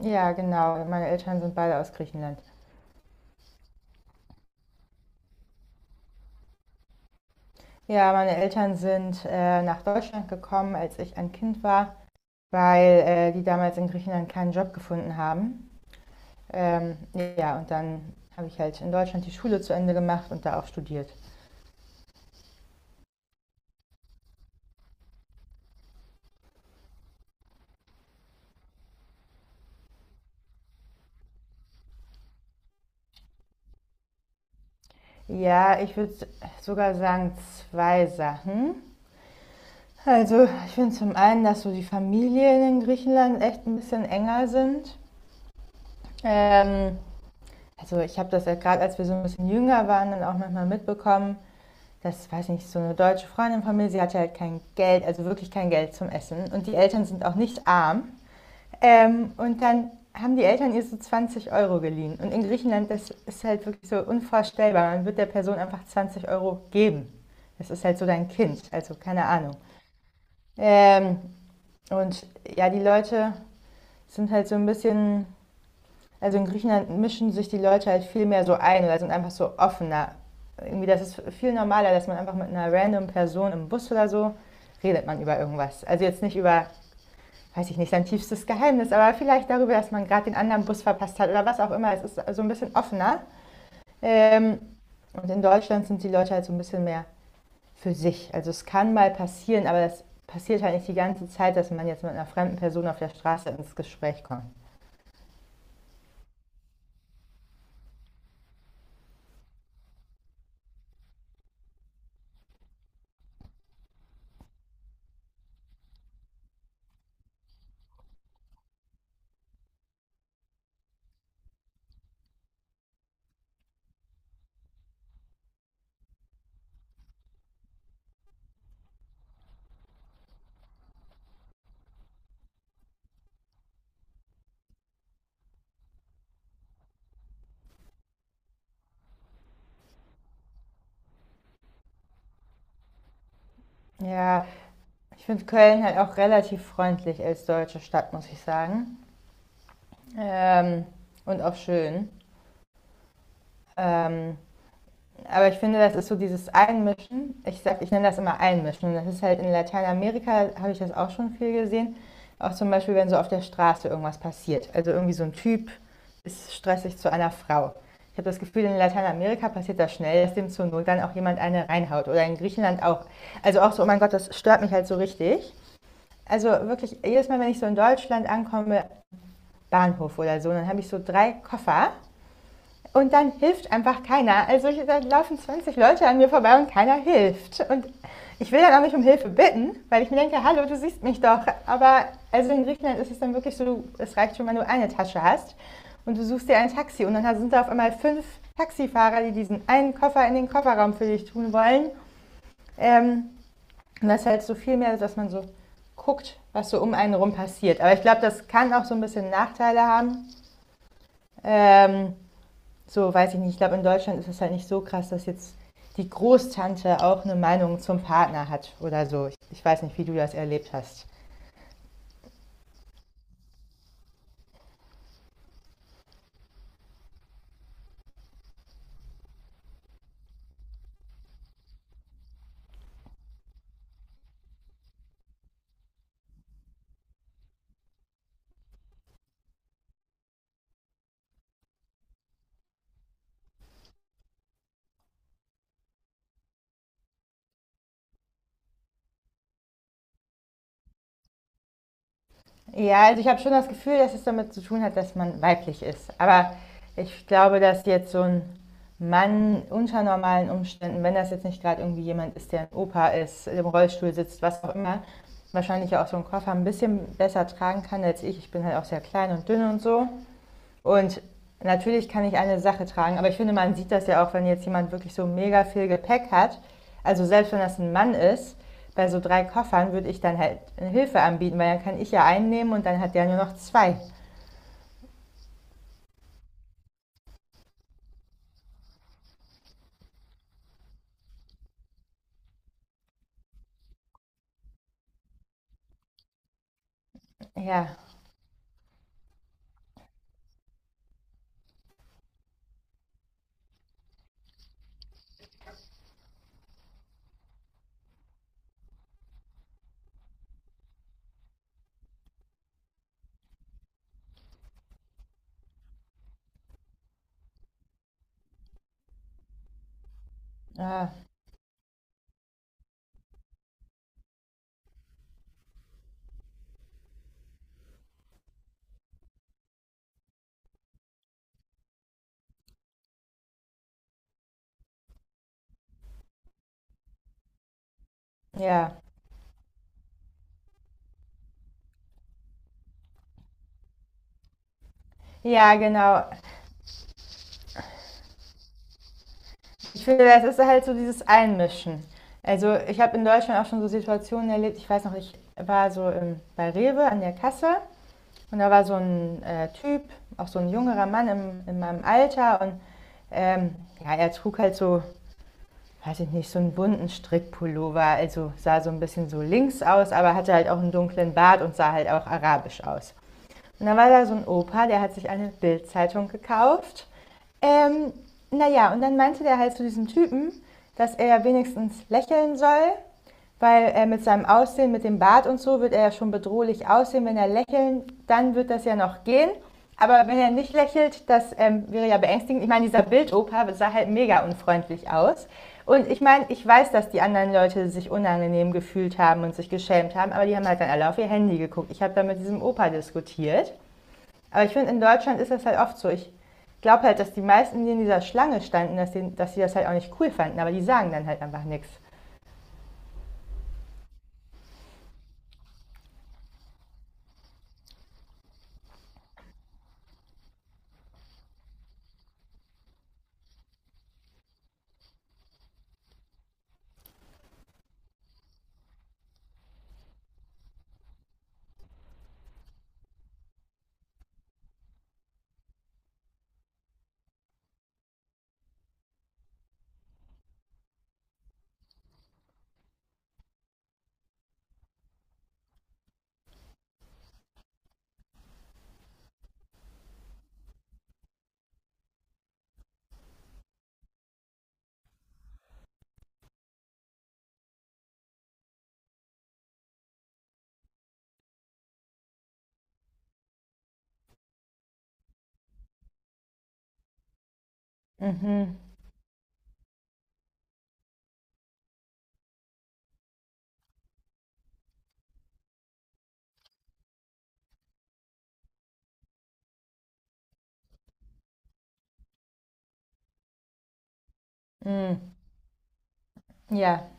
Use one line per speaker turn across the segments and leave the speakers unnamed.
Ja, genau. Meine Eltern sind beide aus Griechenland. Ja, meine Eltern sind nach Deutschland gekommen, als ich ein Kind war, weil die damals in Griechenland keinen Job gefunden haben. Ähm, ja, und dann habe ich halt in Deutschland die Schule zu Ende gemacht und da auch studiert. Ja, ich würde sogar sagen zwei Sachen. Also ich finde zum einen, dass so die Familien in Griechenland echt ein bisschen enger sind. Ähm, also ich habe das ja gerade, als wir so ein bisschen jünger waren, dann auch manchmal mitbekommen. Das, weiß ich nicht, so eine deutsche Freundin von mir, sie hatte halt kein Geld, also wirklich kein Geld zum Essen. Und die Eltern sind auch nicht arm. Und dann haben die Eltern ihr so 20 Euro geliehen. Und in Griechenland, das ist halt wirklich so unvorstellbar. Man wird der Person einfach 20 Euro geben. Das ist halt so dein Kind, also keine Ahnung. Ähm, und ja, die Leute sind halt so ein bisschen. Also in Griechenland mischen sich die Leute halt viel mehr so ein, oder sind einfach so offener. Irgendwie, das ist viel normaler, dass man einfach mit einer random Person im Bus oder so redet man über irgendwas. Also jetzt nicht über, weiß ich nicht, sein tiefstes Geheimnis, aber vielleicht darüber, dass man gerade den anderen Bus verpasst hat oder was auch immer. Es ist so ein bisschen offener. Ähm, und in Deutschland sind die Leute halt so ein bisschen mehr für sich. Also es kann mal passieren, aber das passiert halt nicht die ganze Zeit, dass man jetzt mit einer fremden Person auf der Straße ins Gespräch kommt. Ja, ich finde Köln halt auch relativ freundlich als deutsche Stadt, muss ich sagen. Ähm, und auch schön. Ähm, aber ich finde, das ist so dieses Einmischen. Ich sag, ich nenne das immer Einmischen. Das ist halt in Lateinamerika, habe ich das auch schon viel gesehen. Auch zum Beispiel, wenn so auf der Straße irgendwas passiert. Also irgendwie so ein Typ ist stressig zu einer Frau. Ich habe das Gefühl, in Lateinamerika passiert das schnell, dass dem zur Not dann auch jemand eine reinhaut. Oder in Griechenland auch. Also auch so, oh mein Gott, das stört mich halt so richtig. Also wirklich, jedes Mal, wenn ich so in Deutschland ankomme, Bahnhof oder so, dann habe ich so drei Koffer und dann hilft einfach keiner. Also ich, da laufen 20 Leute an mir vorbei und keiner hilft. Und ich will dann auch nicht um Hilfe bitten, weil ich mir denke, hallo, du siehst mich doch. Aber also in Griechenland ist es dann wirklich so, es reicht schon, wenn du eine Tasche hast und du suchst dir ein Taxi und dann sind da auf einmal fünf Taxifahrer, die diesen einen Koffer in den Kofferraum für dich tun wollen. Ähm, und das ist halt so viel mehr, dass man so guckt, was so um einen rum passiert. Aber ich glaube, das kann auch so ein bisschen Nachteile haben. Ähm, so weiß ich nicht. Ich glaube, in Deutschland ist es halt nicht so krass, dass jetzt die Großtante auch eine Meinung zum Partner hat oder so. Ich weiß nicht, wie du das erlebt hast. Ja, also ich habe schon das Gefühl, dass es damit zu tun hat, dass man weiblich ist. Aber ich glaube, dass jetzt so ein Mann unter normalen Umständen, wenn das jetzt nicht gerade irgendwie jemand ist, der ein Opa ist, im Rollstuhl sitzt, was auch immer, wahrscheinlich auch so einen Koffer ein bisschen besser tragen kann als ich. Ich bin halt auch sehr klein und dünn und so. Und natürlich kann ich eine Sache tragen, aber ich finde, man sieht das ja auch, wenn jetzt jemand wirklich so mega viel Gepäck hat. Also selbst wenn das ein Mann ist, bei so drei Koffern würde ich dann halt eine Hilfe anbieten, weil dann kann ich ja einen nehmen und dann hat der nur noch zwei. Ja, ah, ja, ja, genau. Ich finde, das ist halt so dieses Einmischen. Also ich habe in Deutschland auch schon so Situationen erlebt. Ich weiß noch, ich war so bei Rewe an der Kasse. Und da war so ein Typ, auch so ein jüngerer Mann in meinem Alter und ähm, ja, er trug halt so, weiß ich nicht, so einen bunten Strickpullover, also sah so ein bisschen so links aus, aber hatte halt auch einen dunklen Bart und sah halt auch arabisch aus. Und da war da so ein Opa, der hat sich eine Bildzeitung gekauft. Ähm, naja, und dann meinte der halt zu diesem Typen, dass er wenigstens lächeln soll, weil mit seinem Aussehen, mit dem Bart und so, wird er ja schon bedrohlich aussehen. Wenn er lächelt, dann wird das ja noch gehen. Aber wenn er nicht lächelt, das wäre ja beängstigend. Ich meine, dieser Bildopa sah halt mega unfreundlich aus. Und ich meine, ich weiß, dass die anderen Leute sich unangenehm gefühlt haben und sich geschämt haben, aber die haben halt dann alle auf ihr Handy geguckt. Ich habe dann mit diesem Opa diskutiert. Aber ich finde, in Deutschland ist das halt oft so. Ich glaube halt, dass die meisten, die in dieser Schlange standen, dass sie das halt auch nicht cool fanden, aber die sagen dann halt einfach nichts. Mhm. Mhm. Ja,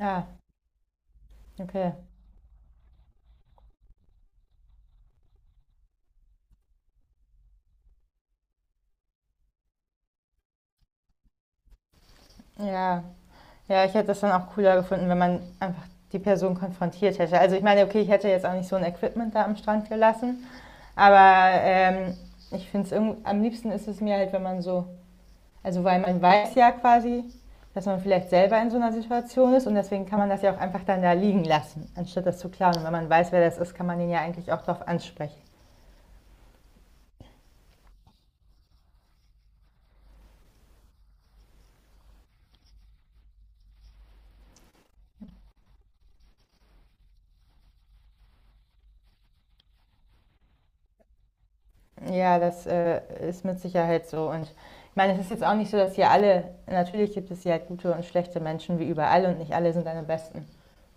ah, okay. Ja. Ja, ich hätte das dann auch cooler gefunden, wenn man einfach die Person konfrontiert hätte. Also ich meine, okay, ich hätte jetzt auch nicht so ein Equipment da am Strand gelassen, aber ich finde es am liebsten ist es mir halt, wenn man so, also weil man weiß ja quasi, dass man vielleicht selber in so einer Situation ist und deswegen kann man das ja auch einfach dann da liegen lassen, anstatt das zu klauen. Und wenn man weiß, wer das ist, kann man den ja eigentlich auch darauf ansprechen. Ja, das ist mit Sicherheit so. Und ich meine, es ist jetzt auch nicht so, dass hier alle, natürlich gibt es hier halt gute und schlechte Menschen wie überall und nicht alle sind deine besten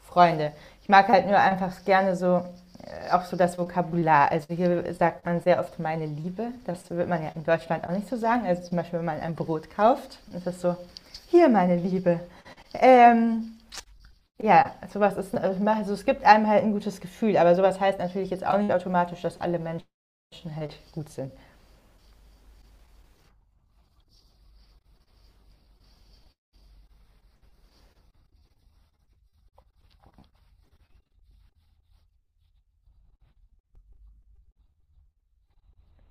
Freunde. Ich mag halt nur einfach gerne so, auch so das Vokabular. Also hier sagt man sehr oft meine Liebe. Das wird man ja in Deutschland auch nicht so sagen. Also zum Beispiel, wenn man ein Brot kauft, ist das so, hier meine Liebe. Ähm, ja, sowas ist, also es gibt einem halt ein gutes Gefühl, aber sowas heißt natürlich jetzt auch nicht automatisch, dass alle Menschen halt gut sind.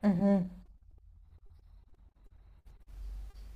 Mhm.